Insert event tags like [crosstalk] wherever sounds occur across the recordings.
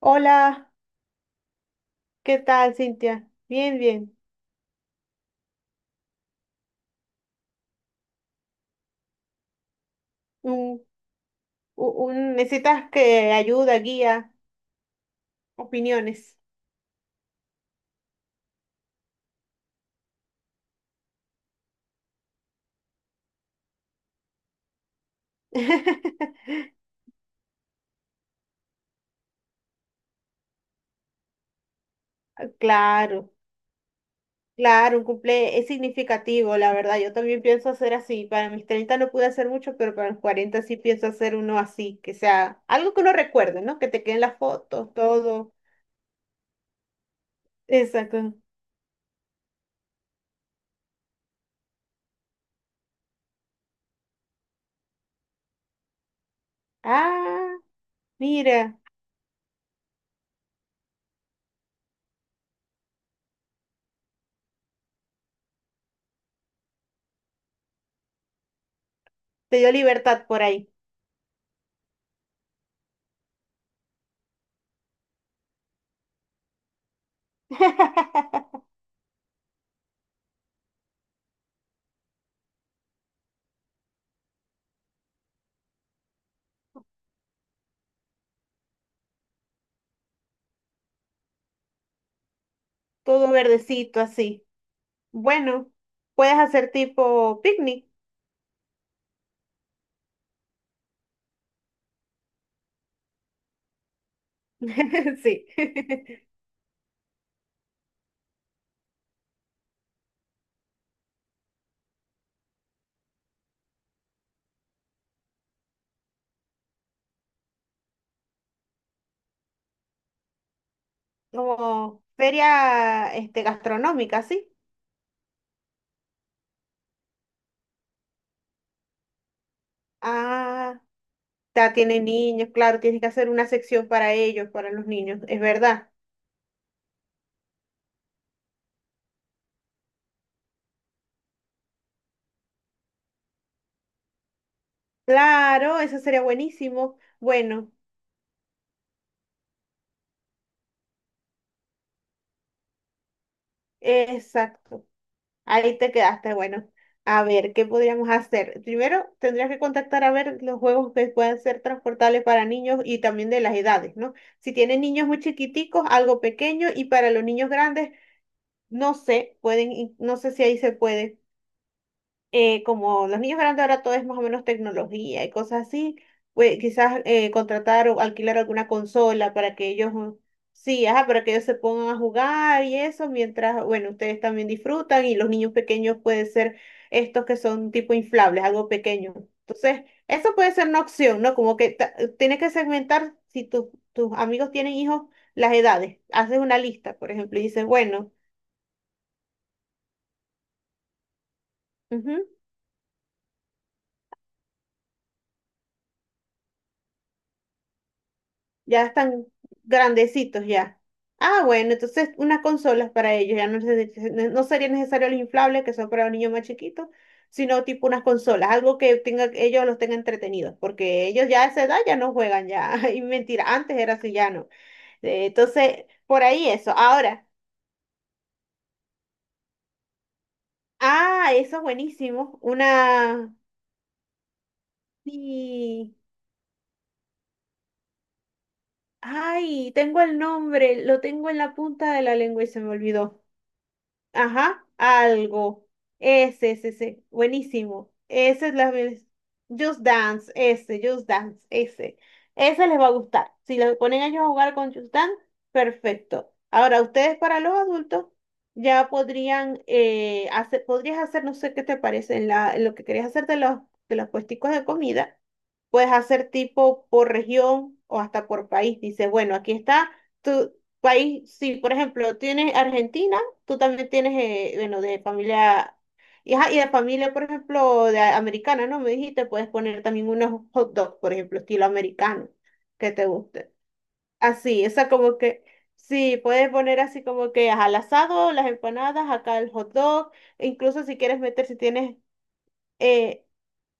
Hola, ¿qué tal, Cintia? Bien, bien. Un, Necesitas que ayuda, guía, opiniones. [laughs] Claro, claro, un cumple es significativo, la verdad. Yo también pienso hacer así. Para mis 30 no pude hacer mucho, pero para los 40 sí pienso hacer uno así, que sea algo que uno recuerde, ¿no? Que te queden las fotos, todo. Exacto. Ah, mira, te dio libertad por ahí. [laughs] Todo verdecito así. Bueno, puedes hacer tipo picnic. [laughs] Sí. [laughs] Como feria este, gastronómica, ¿sí? Ah, ya tiene niños, claro, tienes que hacer una sección para ellos, para los niños, es verdad. Claro, eso sería buenísimo. Bueno, exacto. Ahí te quedaste, bueno. A ver, ¿qué podríamos hacer? Primero, tendrías que contactar a ver los juegos que puedan ser transportables para niños y también de las edades, ¿no? Si tienen niños muy chiquiticos, algo pequeño, y para los niños grandes, no sé, pueden, no sé si ahí se puede como los niños grandes ahora todo es más o menos tecnología y cosas así, pues quizás contratar o alquilar alguna consola para que ellos, sí, ajá, para que ellos se pongan a jugar y eso, mientras, bueno, ustedes también disfrutan y los niños pequeños pueden ser estos que son tipo inflables, algo pequeño. Entonces, eso puede ser una opción, ¿no? Como que tienes que segmentar si tus amigos tienen hijos, las edades. Haces una lista, por ejemplo, y dices, bueno. Ya están grandecitos ya. Ah, bueno, entonces unas consolas para ellos. Ya no, no sería necesario los inflables que son para los niños más chiquitos, sino tipo unas consolas, algo que tenga, ellos los tenga entretenidos, porque ellos ya a esa edad ya no juegan ya. [laughs] Y mentira, antes era así, ya no. Entonces, por ahí eso. Ahora, ah, eso es buenísimo. Una. Sí. Ay, tengo el nombre, lo tengo en la punta de la lengua y se me olvidó. Ajá, algo. Ese, ese, ese. Buenísimo. Esa es la... vez- Just Dance, ese, Just Dance, ese. Ese les va a gustar. Si lo ponen a ellos a jugar con Just Dance, perfecto. Ahora, ustedes para los adultos ya podrías hacer, no sé qué te parece, en lo que querías hacer de los, puesticos de comida, puedes hacer tipo por región o hasta por país. Dice, bueno, aquí está tu país, si por ejemplo tienes Argentina tú también tienes, bueno, de familia, y, ajá, y de familia, por ejemplo, americana, ¿no? Me dijiste, puedes poner también unos hot dogs, por ejemplo, estilo americano, que te guste. Así, esa como que, sí, puedes poner así como que ajá, al asado, las empanadas, acá el hot dog, e incluso si quieres meter, si tienes eh,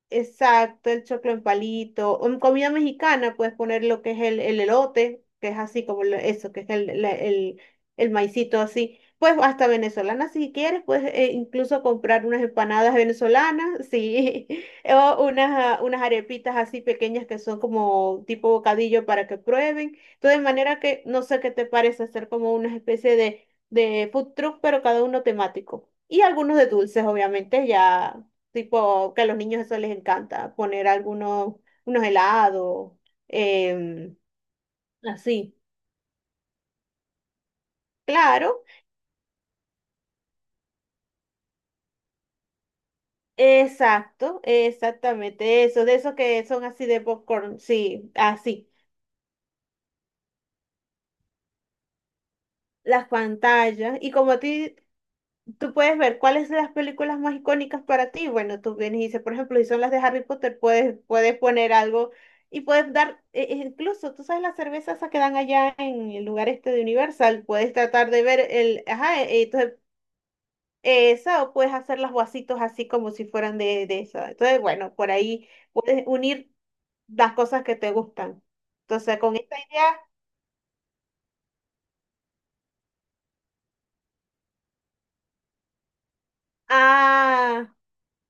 exacto, el choclo en palito. O, en comida mexicana puedes poner lo que es el elote, que es así como eso, que es el maicito así. Pues hasta venezolana si quieres, puedes incluso comprar unas empanadas venezolanas, sí, [laughs] o unas arepitas así pequeñas que son como tipo bocadillo para que prueben. Entonces, de manera que no sé qué te parece hacer como una especie de food truck, pero cada uno temático. Y algunos de dulces, obviamente, ya. Tipo, que a los niños eso les encanta, poner algunos unos helados, em, así. Claro, exacto, exactamente eso, de esos que son así de popcorn, sí, así. Las pantallas, y como a ti, tú puedes ver cuáles son las películas más icónicas para ti. Bueno, tú vienes y dices, por ejemplo, si son las de Harry Potter, puedes, puedes poner algo y puedes dar, e incluso, tú sabes, las cervezas esas que dan allá en el lugar este de Universal, puedes tratar de ver el, ajá, entonces esa, o puedes hacer los vasitos así como si fueran de esa. Entonces, bueno, por ahí puedes unir las cosas que te gustan. Entonces, con esta idea, ah,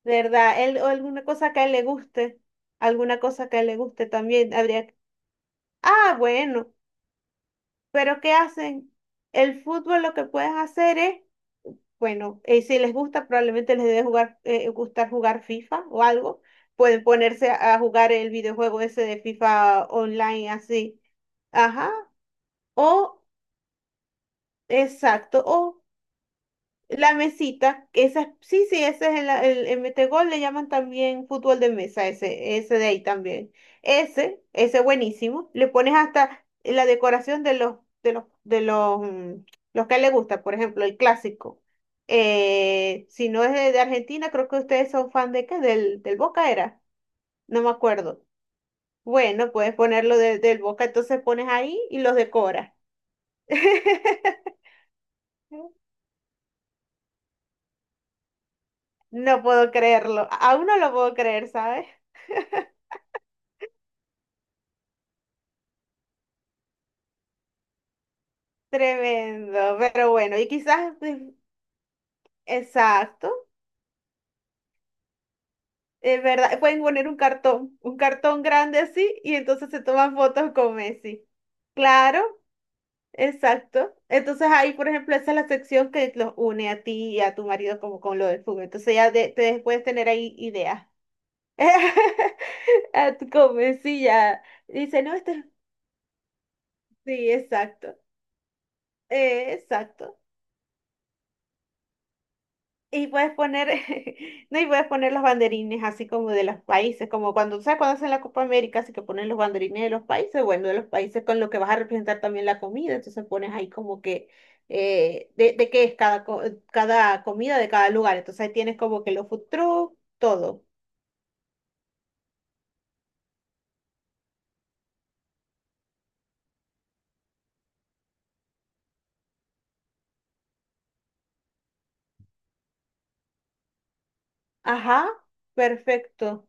¿verdad? Él, o alguna cosa que a él le guste, alguna cosa que a él le guste también, habría que- Ah, bueno, pero ¿qué hacen? El fútbol lo que puedes hacer es bueno, si les gusta, probablemente gustar jugar FIFA o algo. Pueden ponerse a jugar el videojuego ese de FIFA online así. Ajá. O, exacto. O la mesita, esa, sí, sí, ese es el metegol, le llaman también fútbol de mesa, ese de ahí también. Ese buenísimo. Le pones hasta la decoración de los, de los, de los, mm, los que le gusta, por ejemplo, el clásico. Si no es de Argentina, creo que ustedes son fan de qué, del Boca era, no me acuerdo. Bueno, puedes ponerlo del Boca, entonces pones ahí y los decoras. [laughs] No puedo creerlo, aún no lo puedo creer, ¿sabes? Tremendo, pero bueno, y quizás, pues, exacto, es verdad, pueden poner un cartón grande así, y entonces se toman fotos con Messi. Claro, exacto. Entonces ahí, por ejemplo, esa es la sección que los une a ti y a tu marido como con lo del fútbol. Entonces ya te puedes tener ahí ideas. [laughs] A tu Messi ya. Dice, no, este, sí, exacto, exacto. Y puedes poner, [laughs] no, y puedes poner los banderines así como de los países, como cuando, ¿sabes? Cuando hacen la Copa América, así que ponen los banderines de los países, bueno, de los países con lo que vas a representar también la comida, entonces pones ahí como que, de qué es cada, cada comida de cada lugar, entonces ahí tienes como que los food truck, todo. Ajá, perfecto.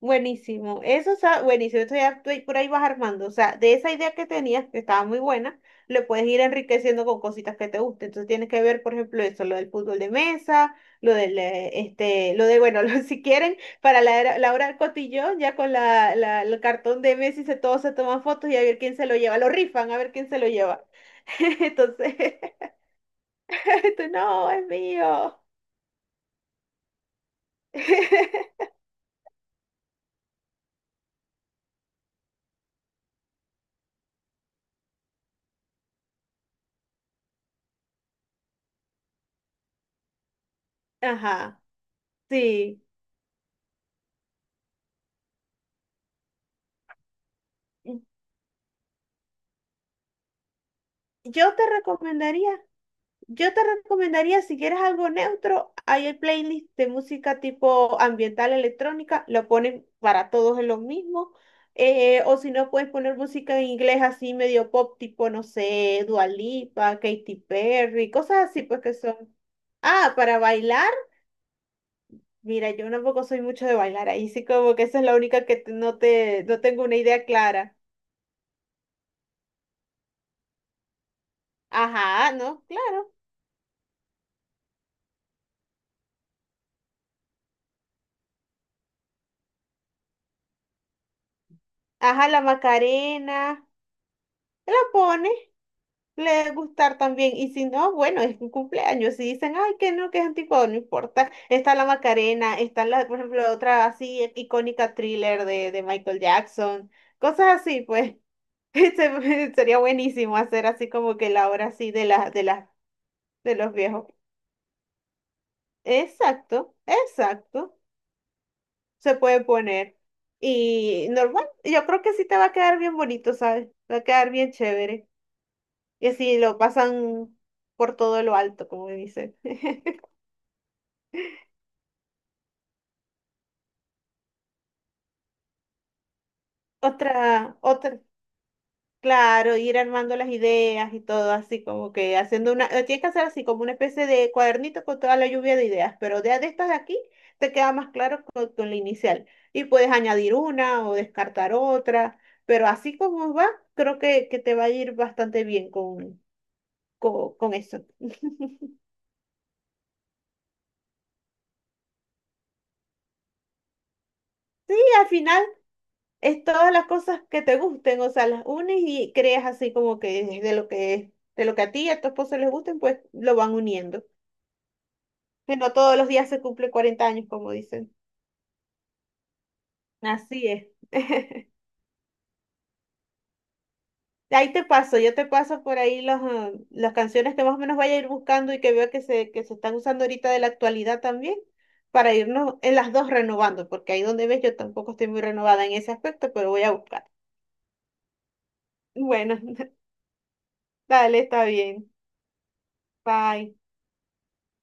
Buenísimo, eso está buenísimo, eso ya tú por ahí vas armando, o sea, de esa idea que tenías, que estaba muy buena, le puedes ir enriqueciendo con cositas que te gusten, entonces tienes que ver, por ejemplo, eso, lo del fútbol de mesa, lo del, este, lo de, bueno, [laughs] si quieren, la hora del cotillón, ya con el cartón de Messi, se, todos se toman fotos y a ver quién se lo lleva, lo rifan, a ver quién se lo lleva, [laughs] entonces, [laughs] tú, no, es mío, [laughs] ajá, sí, yo te recomendaría. Yo te recomendaría, si quieres algo neutro, hay el playlist de música tipo ambiental electrónica, lo ponen para todos en lo mismo. O si no, puedes poner música en inglés así medio pop, tipo, no sé, Dua Lipa, Katy Perry, cosas así, pues que son. Ah, para bailar, mira, yo tampoco soy mucho de bailar, ahí sí como que esa es la única que no te, no tengo una idea clara. Ajá, no, claro. Ajá, la Macarena, te la pones. Le debe gustar también. Y si no, bueno, es un cumpleaños. Si dicen, ay, que no, que es anticuado, no importa. Está la Macarena, está la, por ejemplo, otra así icónica thriller de Michael Jackson, cosas así, pues. [laughs] Sería buenísimo hacer así como que la hora así de las de los viejos. Exacto, exacto. Se puede poner. Y normal, yo creo que sí te va a quedar bien bonito, ¿sabes? Va a quedar bien chévere. Y así lo pasan por todo lo alto, como dicen. Otra, otra, claro, ir armando las ideas y todo así, como que haciendo una, tienes que hacer así como una especie de cuadernito con toda la lluvia de ideas, pero de estas de aquí te queda más claro con la inicial. Y puedes añadir una o descartar otra, pero así como va, creo que te va a ir bastante bien con, con eso. Y al final es todas las cosas que te gusten, o sea, las unes y creas así como que de lo que, de lo que a ti y a tu esposo les gusten, pues lo van uniendo. Que no todos los días se cumple 40 años, como dicen. Así es. [laughs] Ahí te paso, yo te paso por ahí las canciones que más o menos vaya a ir buscando y que veo que se están usando ahorita de la actualidad también, para irnos en las dos renovando, porque ahí donde ves yo tampoco estoy muy renovada en ese aspecto, pero voy a buscar. Bueno, [laughs] dale, está bien. Bye.